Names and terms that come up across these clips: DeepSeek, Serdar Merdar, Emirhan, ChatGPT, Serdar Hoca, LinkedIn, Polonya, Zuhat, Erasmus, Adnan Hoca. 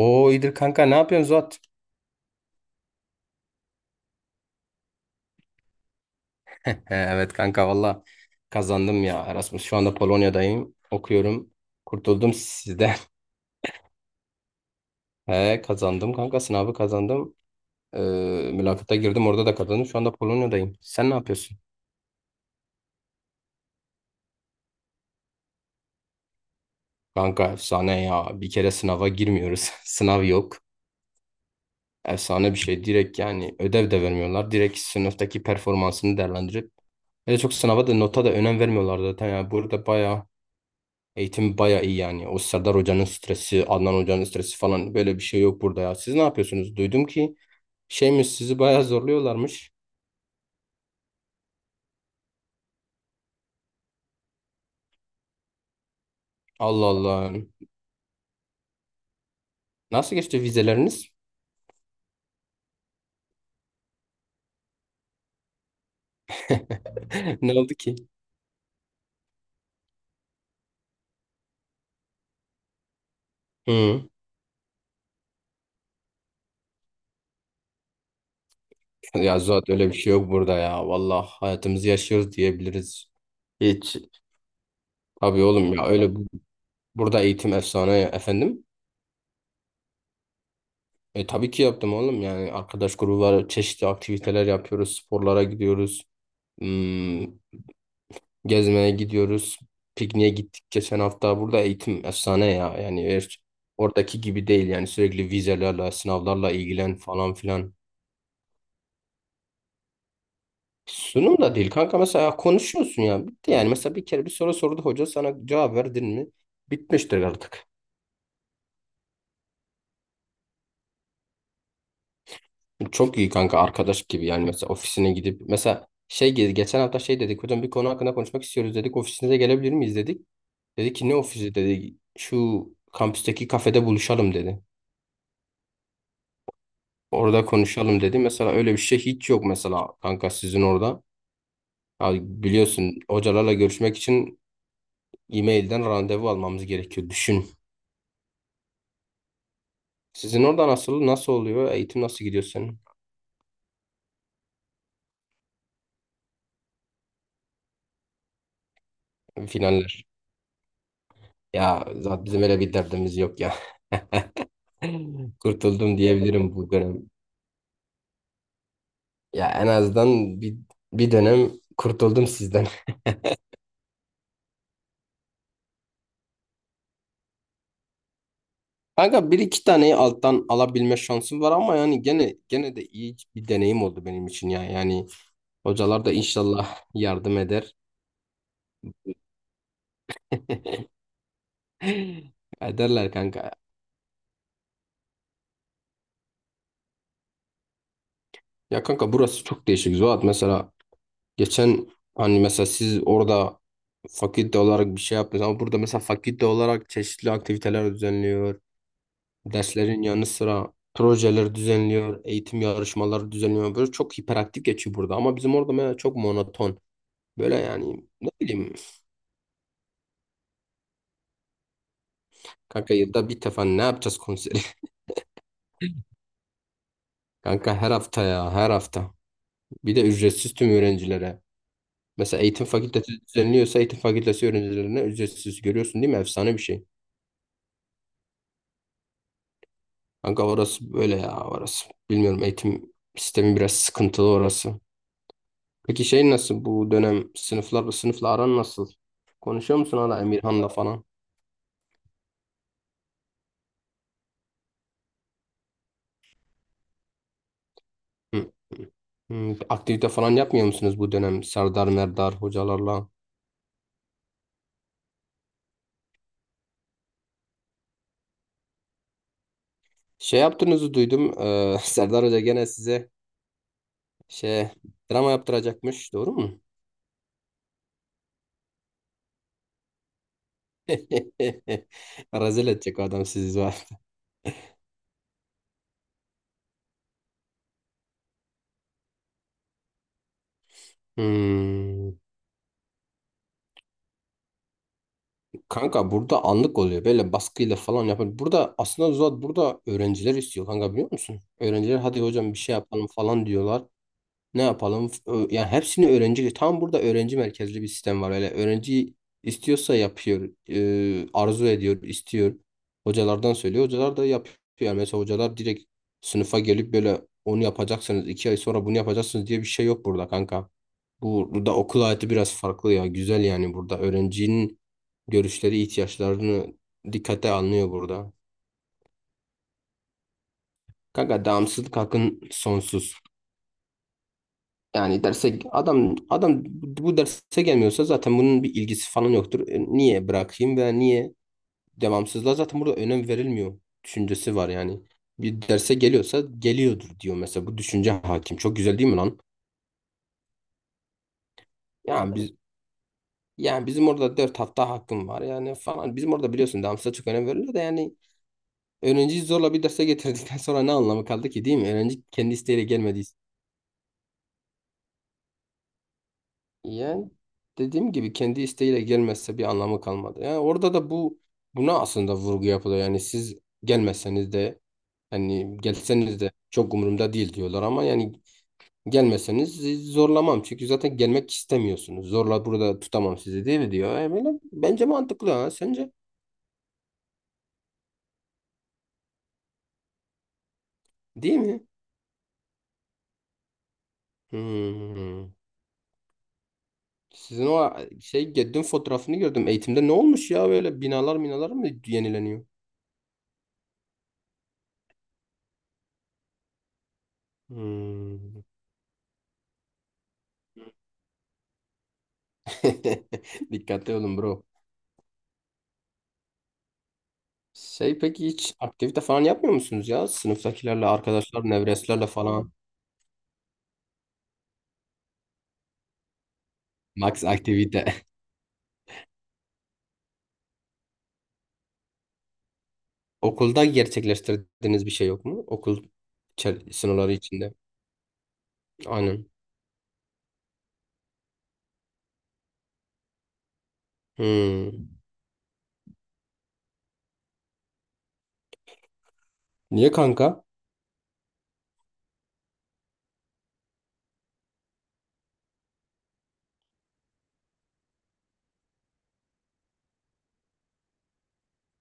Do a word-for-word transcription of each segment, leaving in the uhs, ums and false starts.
Oo, iyidir kanka, ne yapıyorsun Zuhat? He, evet kanka, valla kazandım ya Erasmus. Şu anda Polonya'dayım. Okuyorum. Kurtuldum sizden. He, kazandım kanka, sınavı kazandım. Ee, Mülakata girdim, orada da kazandım. Şu anda Polonya'dayım. Sen ne yapıyorsun? Kanka efsane ya. Bir kere sınava girmiyoruz. Sınav yok. Efsane bir şey. Direkt yani ödev de vermiyorlar. Direkt sınıftaki performansını değerlendirip. Öyle çok sınava da nota da önem vermiyorlar zaten. Yani burada bayağı eğitim baya iyi yani. O Serdar Hoca'nın stresi, Adnan Hoca'nın stresi falan böyle bir şey yok burada ya. Siz ne yapıyorsunuz? Duydum ki şeymiş, sizi baya zorluyorlarmış. Allah Allah. Nasıl geçti vizeleriniz? Ne oldu ki? Hı. Ya zaten öyle bir şey yok burada ya. Vallahi hayatımızı yaşıyoruz diyebiliriz. Hiç. Tabii oğlum ya, öyle bu- burada eğitim efsane ya. Efendim. E, tabii ki yaptım oğlum, yani arkadaş grubu var, çeşitli aktiviteler yapıyoruz, sporlara gidiyoruz. Hmm, Gezmeye gidiyoruz. Pikniğe gittik geçen hafta. Burada eğitim efsane ya. Yani eğer oradaki gibi değil yani, sürekli vizelerle, sınavlarla ilgilen falan filan. Sunum da değil kanka, mesela konuşuyorsun ya. Bitti yani, mesela bir kere bir soru sordu hoca, sana cevap verdin mi? Bitmiştir artık. Çok iyi kanka, arkadaş gibi yani. Mesela ofisine gidip mesela şey, ge- geçen hafta şey dedik, hocam bir konu hakkında konuşmak istiyoruz dedik, ofisinize gelebilir miyiz dedik. Dedi ki ne ofisi, dedi şu kampüsteki kafede buluşalım dedi. Orada konuşalım dedi. Mesela öyle bir şey hiç yok mesela kanka, sizin orada. Ya biliyorsun, hocalarla görüşmek için e-mailden randevu almamız gerekiyor. Düşün. Sizin orada nasıl nasıl oluyor? Eğitim nasıl gidiyor senin? Finaller. Ya zaten bizim öyle bir derdimiz yok ya. Kurtuldum diyebilirim bu dönem. Ya en azından bir, bir dönem kurtuldum sizden. Kanka bir iki taneyi alttan alabilme şansım var ama yani gene gene de iyi bir deneyim oldu benim için ya. Yani hocalar da inşallah yardım eder. Ederler kanka. Ya kanka, burası çok değişik Zuhat. Mesela geçen hani mesela siz orada fakülte olarak bir şey yaptınız ama burada mesela fakülte olarak çeşitli aktiviteler düzenliyor. Derslerin yanı sıra projeler düzenliyor, eğitim yarışmaları düzenliyor. Böyle çok hiperaktif geçiyor burada ama bizim orada mesela çok monoton. Böyle yani ne bileyim, kanka yılda bir defa ne yapacağız konseri? Kanka her hafta ya, her hafta. Bir de ücretsiz tüm öğrencilere. Mesela eğitim fakültesi düzenliyorsa eğitim fakültesi öğrencilerine ücretsiz görüyorsun, değil mi? Efsane bir şey. Kanka orası böyle ya, orası. Bilmiyorum, eğitim sistemi biraz sıkıntılı orası. Peki şey nasıl bu dönem, sınıflar sınıfla aran nasıl? Konuşuyor musun hala Emirhan'la falan? Hı. Hmm, aktivite falan yapmıyor musunuz bu dönem Serdar Merdar hocalarla? Şey yaptığınızı duydum. eee, Serdar Hoca gene size şey drama yaptıracakmış. Doğru mu? Rezil edecek o adam sizi. Hmm. Kanka burada anlık oluyor. Böyle baskıyla falan yapın. Burada aslında Zuhat, burada öğrenciler istiyor kanka, biliyor musun? Öğrenciler hadi hocam bir şey yapalım falan diyorlar. Ne yapalım? F- ö- Yani hepsini öğrenci. Tam burada öğrenci merkezli bir sistem var. Öyle öğrenci istiyorsa yapıyor. E, arzu ediyor, istiyor. Hocalardan söylüyor. Hocalar da yapıyor. Yani mesela hocalar direkt sınıfa gelip böyle onu yapacaksınız, iki ay sonra bunu yapacaksınız diye bir şey yok burada kanka. Bu, burada okul hayatı biraz farklı ya. Güzel yani burada. Öğrencinin görüşleri, ihtiyaçlarını dikkate alınıyor burada. Kanka devamsızlık hakkın sonsuz. Yani derse adam adam bu derse gelmiyorsa zaten bunun bir ilgisi falan yoktur. E, niye bırakayım veya niye devamsızlığa zaten burada önem verilmiyor düşüncesi var yani. Bir derse geliyorsa geliyordur diyor mesela, bu düşünce hakim. Çok güzel değil mi lan? Yani biz yani bizim orada dört hafta hakkım var yani falan. Bizim orada biliyorsun, devamsızlığa çok önem verilir de, yani öğrenciyi zorla bir derse getirdikten sonra ne anlamı kaldı ki, değil mi? Öğrenci kendi isteğiyle gelmediyse. Yani dediğim gibi, kendi isteğiyle gelmezse bir anlamı kalmadı. Yani orada da bu buna aslında vurgu yapılıyor. Yani siz gelmezseniz de, hani gelseniz de çok umurumda değil diyorlar ama yani gelmeseniz sizi zorlamam. Çünkü zaten gelmek istemiyorsunuz. Zorla burada tutamam sizi, değil mi diyor. Yani böyle bence mantıklı ha. Sence değil mi? Hmm. Sizin o e, şey Geddin fotoğrafını gördüm. Eğitimde ne olmuş ya, böyle binalar binalar mı yenileniyor? Hmm. Dikkatli olun bro. Şey, peki hiç aktivite falan yapmıyor musunuz ya? Sınıftakilerle, arkadaşlar, nevreslerle falan. Max aktivite. Okulda gerçekleştirdiğiniz bir şey yok mu? Okul içer- sınırları içinde. Aynen. Hmm. Niye kanka?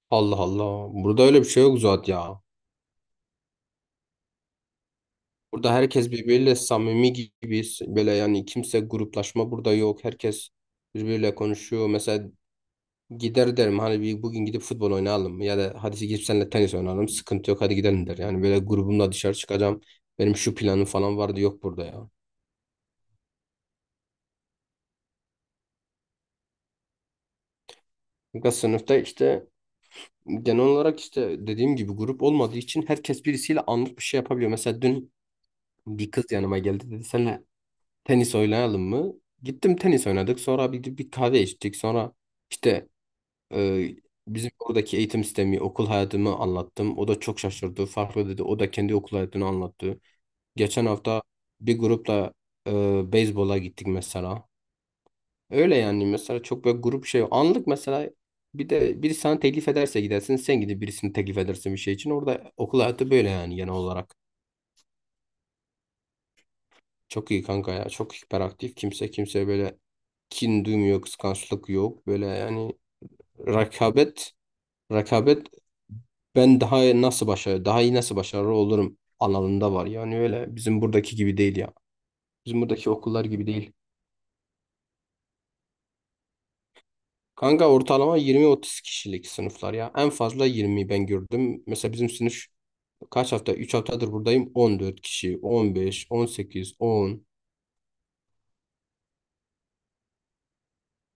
Allah Allah. Burada öyle bir şey yok zaten ya. Burada herkes birbiriyle samimi gibi, böyle yani kimse gruplaşma burada yok. Herkes birbiriyle konuşuyor. Mesela gider derim hani, bir bugün gidip futbol oynayalım ya da hadi gidip seninle tenis oynayalım. Sıkıntı yok, hadi gidelim der. Yani böyle grubumla dışarı çıkacağım. Benim şu planım falan vardı, yok burada ya. Çünkü sınıfta işte, genel olarak işte dediğim gibi, grup olmadığı için herkes birisiyle anlık bir şey yapabiliyor. Mesela dün bir kız yanıma geldi, dedi seninle tenis oynayalım mı? Gittim tenis oynadık, sonra bir, bir kahve içtik, sonra işte, Ee, bizim oradaki eğitim sistemi, okul hayatımı anlattım. O da çok şaşırdı. Farklı dedi. O da kendi okul hayatını anlattı. Geçen hafta bir grupla e, beyzbola gittik mesela. Öyle yani, mesela çok böyle grup şey. Anlık mesela, bir de biri sana teklif ederse gidersin. Sen gidip birisini teklif edersin bir şey için. Orada okul hayatı böyle yani, genel olarak. Çok iyi kanka ya. Çok hiperaktif. Kimse kimseye böyle kin duymuyor, kıskançlık yok. Böyle yani, rekabet Rekabet ben daha nasıl başarı, daha iyi nasıl başarılı olurum alanında var. Yani öyle bizim buradaki gibi değil ya. Bizim buradaki okullar gibi değil. Kanka ortalama yirmi otuz kişilik sınıflar ya. En fazla yirmi ben gördüm. Mesela bizim sınıf kaç hafta? üç haftadır buradayım. on dört kişi, on beş, on sekiz, on.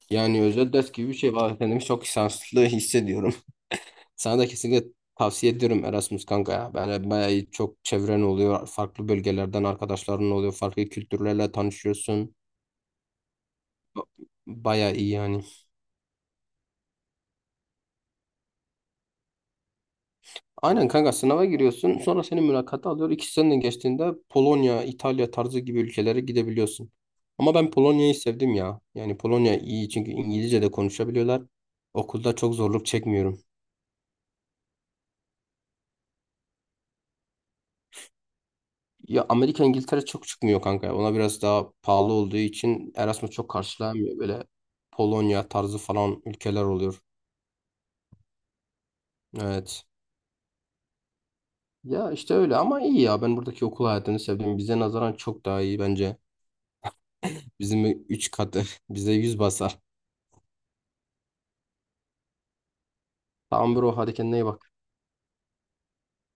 Yani özel ders gibi bir şey var. Kendimi çok şanslı hissediyorum. Sana da kesinlikle tavsiye ediyorum Erasmus kanka ya. Yani bayağı iyi, çok çevren oluyor. Farklı bölgelerden arkadaşların oluyor. Farklı kültürlerle tanışıyorsun. Ba- Bayağı iyi yani. Aynen kanka, sınava giriyorsun. Sonra seni mülakata alıyor. İki seneden geçtiğinde Polonya, İtalya tarzı gibi ülkelere gidebiliyorsun. Ama ben Polonya'yı sevdim ya. Yani Polonya iyi, çünkü İngilizce de konuşabiliyorlar. Okulda çok zorluk çekmiyorum. Ya Amerika, İngiltere çok çıkmıyor kanka. Ona biraz daha pahalı olduğu için Erasmus çok karşılanmıyor. Böyle Polonya tarzı falan ülkeler oluyor. Evet. Ya işte öyle, ama iyi ya. Ben buradaki okul hayatını sevdim. Bize nazaran çok daha iyi bence. Bizim üç katı. Bize yüz basar. Tamam bro, hadi kendine iyi bak.